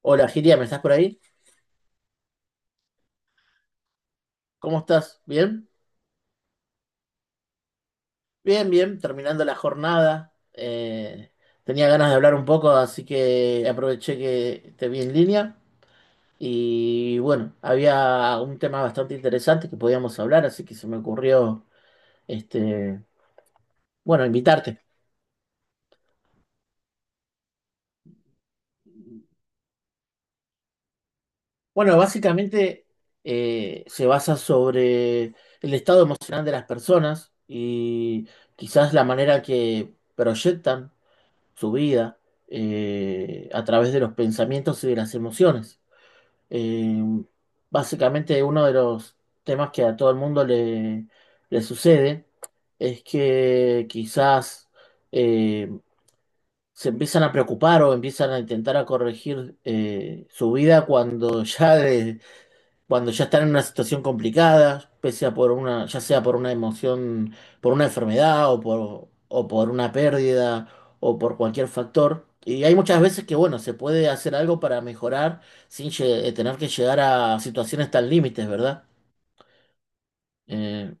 Hola, Giria, ¿me estás por ahí? ¿Cómo estás? ¿Bien? Bien, bien, terminando la jornada. Tenía ganas de hablar un poco, así que aproveché que te vi en línea. Y bueno, había un tema bastante interesante que podíamos hablar, así que se me ocurrió, este, bueno, invitarte. Bueno, básicamente se basa sobre el estado emocional de las personas y quizás la manera que proyectan su vida, a través de los pensamientos y de las emociones. Eh, Básicamente uno de los temas que a todo el mundo le sucede es que quizás eh, se empiezan a preocupar o empiezan a intentar a corregir, su vida cuando cuando ya están en una situación complicada, pese a por una, ya sea por una emoción, por una enfermedad o por una pérdida o por cualquier factor. Y hay muchas veces que, bueno, se puede hacer algo para mejorar sin lle- tener que llegar a situaciones tan límites, ¿verdad? Eh,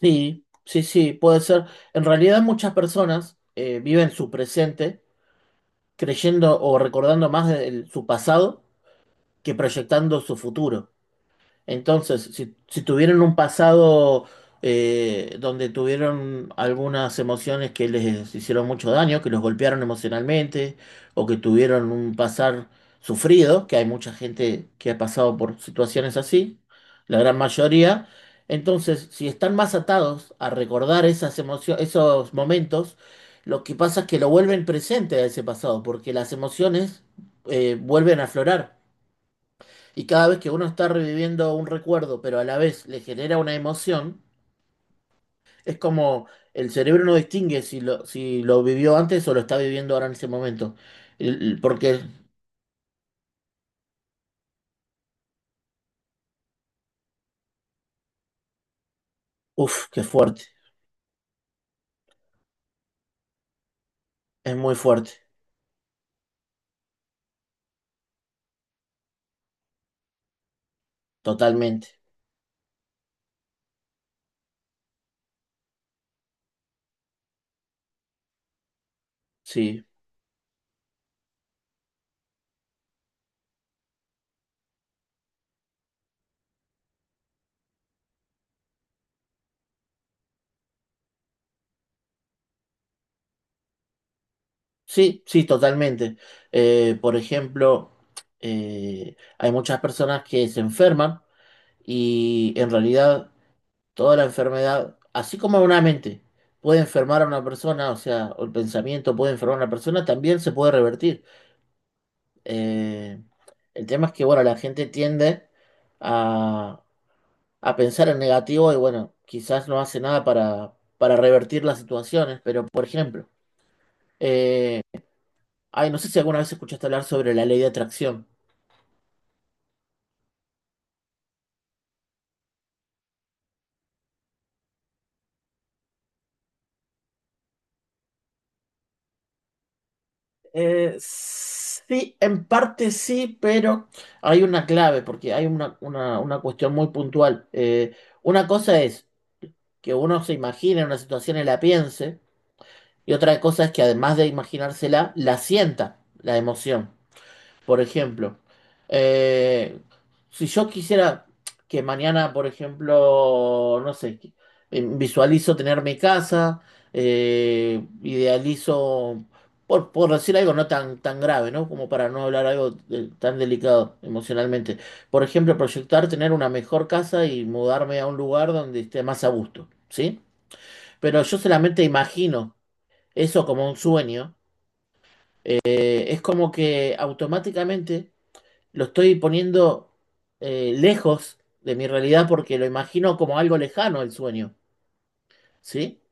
sí, sí, sí, puede ser. En realidad muchas personas viven su presente creyendo o recordando más de su pasado que proyectando su futuro. Entonces, si tuvieron un pasado donde tuvieron algunas emociones que les hicieron mucho daño, que los golpearon emocionalmente, o que tuvieron un pasar sufrido, que hay mucha gente que ha pasado por situaciones así, la gran mayoría. Entonces, si están más atados a recordar esas emociones, esos momentos, lo que pasa es que lo vuelven presente a ese pasado, porque las emociones vuelven a aflorar. Y cada vez que uno está reviviendo un recuerdo, pero a la vez le genera una emoción, es como el cerebro no distingue si lo vivió antes o lo está viviendo ahora en ese momento. Porque, uff, qué fuerte, es muy fuerte, totalmente. Sí, sí, sí, totalmente. Por ejemplo, hay muchas personas que se enferman y en realidad toda la enfermedad, así como una mente puede enfermar a una persona, o sea, o el pensamiento puede enfermar a una persona, también se puede revertir. Eh, el tema es que, bueno, la gente tiende a, a pensar en negativo y, bueno, quizás no hace nada para, para revertir las situaciones, pero, por ejemplo, eh, ay, no sé si alguna vez escuchaste hablar sobre la ley de atracción. Sí, en parte sí, pero hay una clave, porque hay una cuestión muy puntual. Una cosa es que uno se imagine una situación y la piense, y otra cosa es que además de imaginársela, la sienta, la emoción. Por ejemplo, eh, si yo quisiera que mañana, por ejemplo, no sé, visualizo tener mi casa, idealizo, por decir algo no tan, tan grave, ¿no? Como para no hablar algo tan delicado emocionalmente. Por ejemplo, proyectar tener una mejor casa y mudarme a un lugar donde esté más a gusto, ¿sí? Pero yo solamente imagino eso como un sueño. Es como que automáticamente lo estoy poniendo, lejos de mi realidad porque lo imagino como algo lejano el sueño, ¿sí?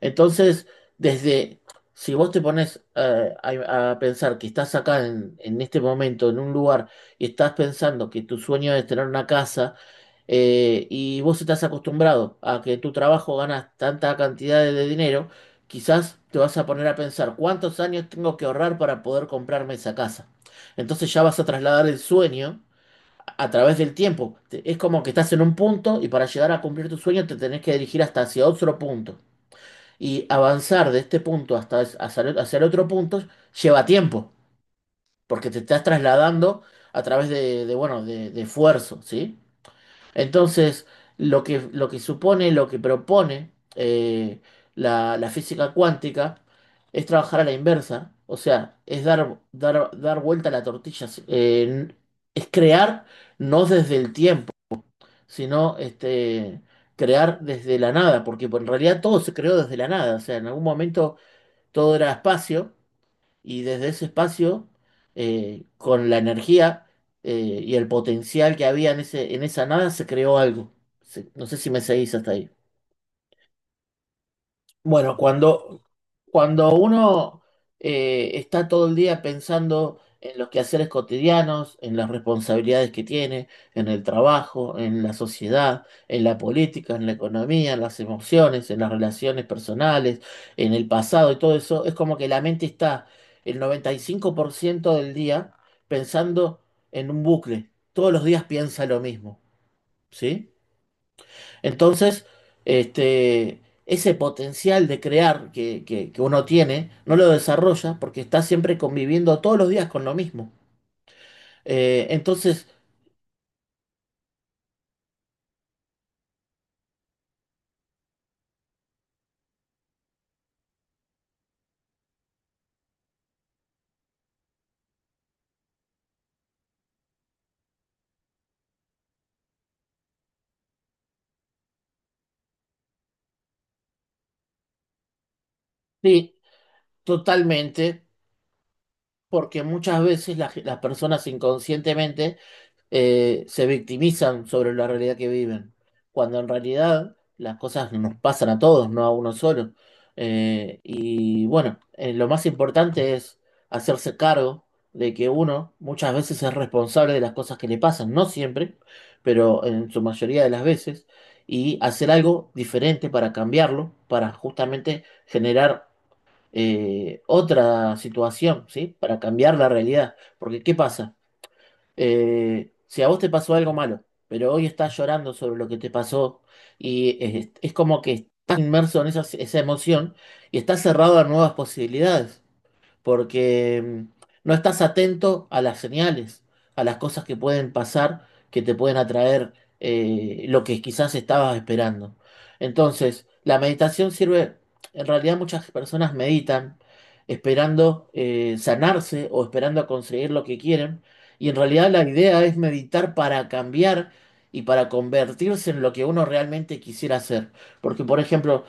Entonces, desde, si vos te pones a pensar que estás acá en este momento, en un lugar, y estás pensando que tu sueño es tener una casa, y vos estás acostumbrado a que tu trabajo ganas tanta cantidad de dinero, quizás te vas a poner a pensar cuántos años tengo que ahorrar para poder comprarme esa casa. Entonces ya vas a trasladar el sueño a través del tiempo. Es como que estás en un punto y para llegar a cumplir tu sueño te tenés que dirigir hasta hacia otro punto. Y avanzar de este punto hasta es- hacia el otro punto lleva tiempo, porque te estás trasladando a través bueno, de esfuerzo, ¿sí? Entonces, lo que supone, lo que propone, la, la física cuántica es trabajar a la inversa, o sea, es dar vuelta a la tortilla, es crear no desde el tiempo, sino este, crear desde la nada, porque en realidad todo se creó desde la nada, o sea, en algún momento todo era espacio y desde ese espacio, con la energía, y el potencial que había en esa nada, se creó algo. No sé si me seguís hasta ahí. Bueno, cuando, cuando uno está todo el día pensando en los quehaceres cotidianos, en las responsabilidades que tiene, en el trabajo, en la sociedad, en la política, en la economía, en las emociones, en las relaciones personales, en el pasado y todo eso, es como que la mente está el 95% del día pensando en un bucle. Todos los días piensa lo mismo, ¿sí? Entonces, este, ese potencial de crear que uno tiene, no lo desarrolla porque está siempre conviviendo todos los días con lo mismo. Entonces, sí, totalmente, porque muchas veces las personas inconscientemente se victimizan sobre la realidad que viven, cuando en realidad las cosas nos pasan a todos, no a uno solo. Y bueno, lo más importante es hacerse cargo de que uno muchas veces es responsable de las cosas que le pasan, no siempre, pero en su mayoría de las veces, y hacer algo diferente para cambiarlo, para justamente generar, otra situación, ¿sí? Para cambiar la realidad. Porque, ¿qué pasa? Si a vos te pasó algo malo, pero hoy estás llorando sobre lo que te pasó y es como que estás inmerso en esa emoción y estás cerrado a nuevas posibilidades porque no estás atento a las señales, a las cosas que pueden pasar, que te pueden atraer, lo que quizás estabas esperando. Entonces, la meditación sirve, en realidad muchas personas meditan esperando, sanarse o esperando a conseguir lo que quieren, y en realidad la idea es meditar para cambiar y para convertirse en lo que uno realmente quisiera hacer. Porque, por ejemplo,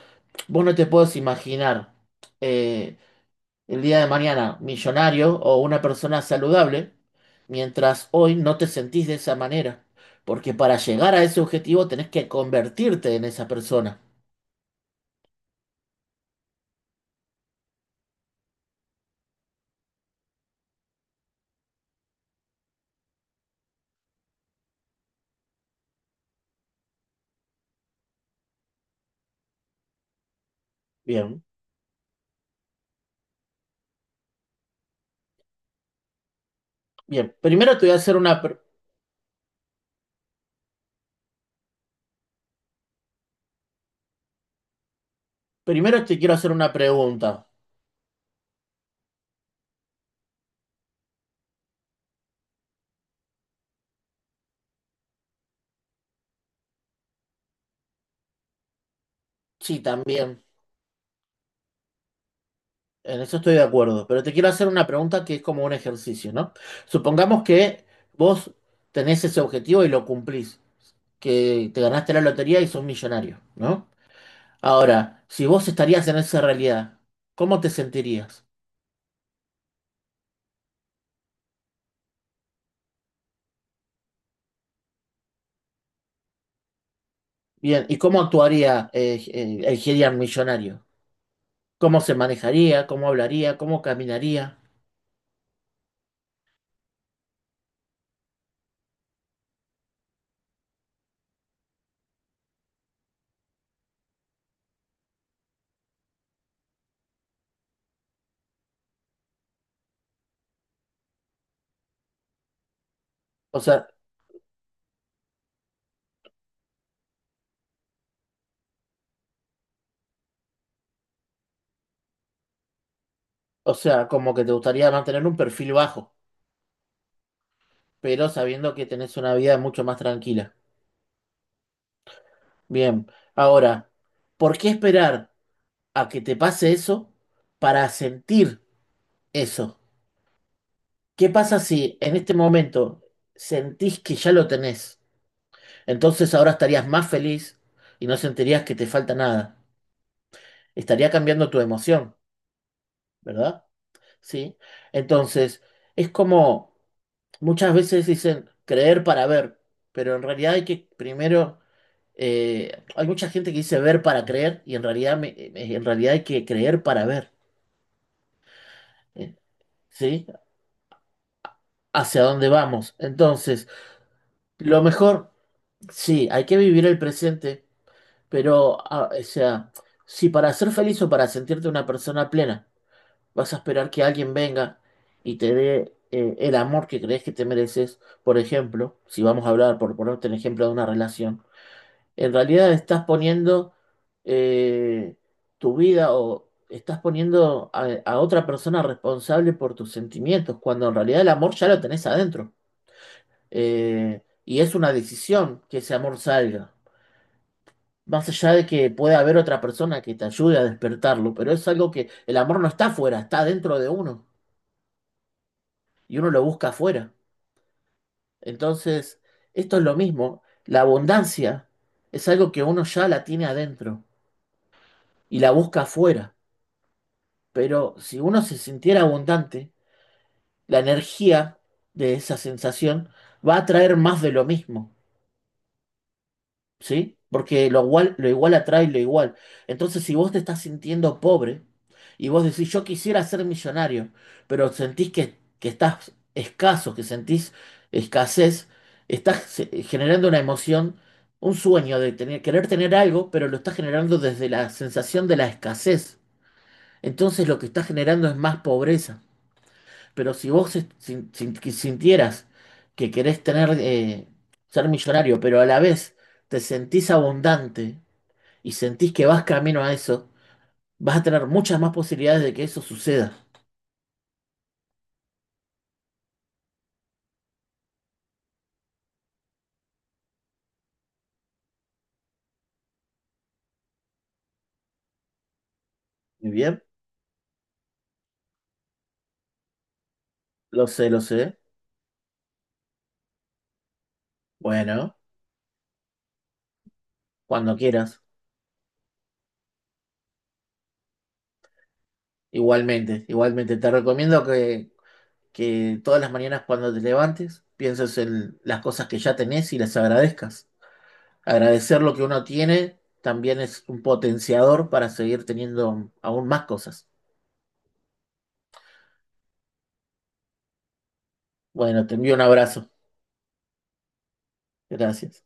vos no te puedes imaginar. eh, el día de mañana millonario o una persona saludable, mientras hoy no te sentís de esa manera, porque para llegar a ese objetivo tenés que convertirte en esa persona. Bien, bien. Primero te voy a hacer primero te quiero hacer una pregunta. Sí, también. En eso estoy de acuerdo, pero te quiero hacer una pregunta que es como un ejercicio, ¿no? Supongamos que vos tenés ese objetivo y lo cumplís, que te ganaste la lotería y sos millonario, ¿no? Ahora, si vos estarías en esa realidad, ¿cómo te sentirías? Bien, ¿y cómo actuaría el Gideon millonario? ¿Cómo se manejaría? ¿Cómo hablaría? ¿Cómo caminaría? O sea, o sea, como que te gustaría mantener un perfil bajo, pero sabiendo que tenés una vida mucho más tranquila. Bien, ahora, ¿por qué esperar a que te pase eso para sentir eso? ¿Qué pasa si en este momento sentís que ya lo tenés? Entonces ahora estarías más feliz y no sentirías que te falta nada. Estaría cambiando tu emoción, ¿verdad? Sí. Entonces, es como muchas veces dicen creer para ver, pero en realidad hay que primero, hay mucha gente que dice ver para creer y en realidad, en realidad hay que creer para ver, eh, ¿sí? Hacia dónde vamos. Entonces, lo mejor, sí, hay que vivir el presente, pero, ah, o sea, si para ser feliz o para sentirte una persona plena, vas a esperar que alguien venga y te dé, el amor que crees que te mereces. Por ejemplo, si vamos a hablar, por ponerte el ejemplo de una relación, en realidad estás poniendo, eh, tu vida o estás poniendo a otra persona responsable por tus sentimientos, cuando en realidad el amor ya lo tenés adentro. Y es una decisión que ese amor salga. Más allá de que pueda haber otra persona que te ayude a despertarlo, pero es algo que el amor no está afuera, está dentro de uno. Y uno lo busca afuera. Entonces, esto es lo mismo. La abundancia es algo que uno ya la tiene adentro y la busca afuera. Pero si uno se sintiera abundante, la energía de esa sensación va a traer más de lo mismo. ¿Sí? Porque lo igual atrae lo igual. Entonces, si vos te estás sintiendo pobre y vos decís, yo quisiera ser millonario, pero sentís que estás escaso, que sentís escasez, estás, generando una emoción, un sueño de tener, querer tener algo, pero lo estás generando desde la sensación de la escasez. Entonces, lo que estás generando es más pobreza. Pero si vos que sintieras que querés tener, ser millonario, pero a la vez te sentís abundante y sentís que vas camino a eso, vas a tener muchas más posibilidades de que eso suceda. Muy bien, lo sé, lo sé. Bueno, cuando quieras. Igualmente, igualmente. Te recomiendo que todas las mañanas cuando te levantes pienses en las cosas que ya tenés y las agradezcas. Agradecer lo que uno tiene también es un potenciador para seguir teniendo aún más cosas. Bueno, te envío un abrazo. Gracias.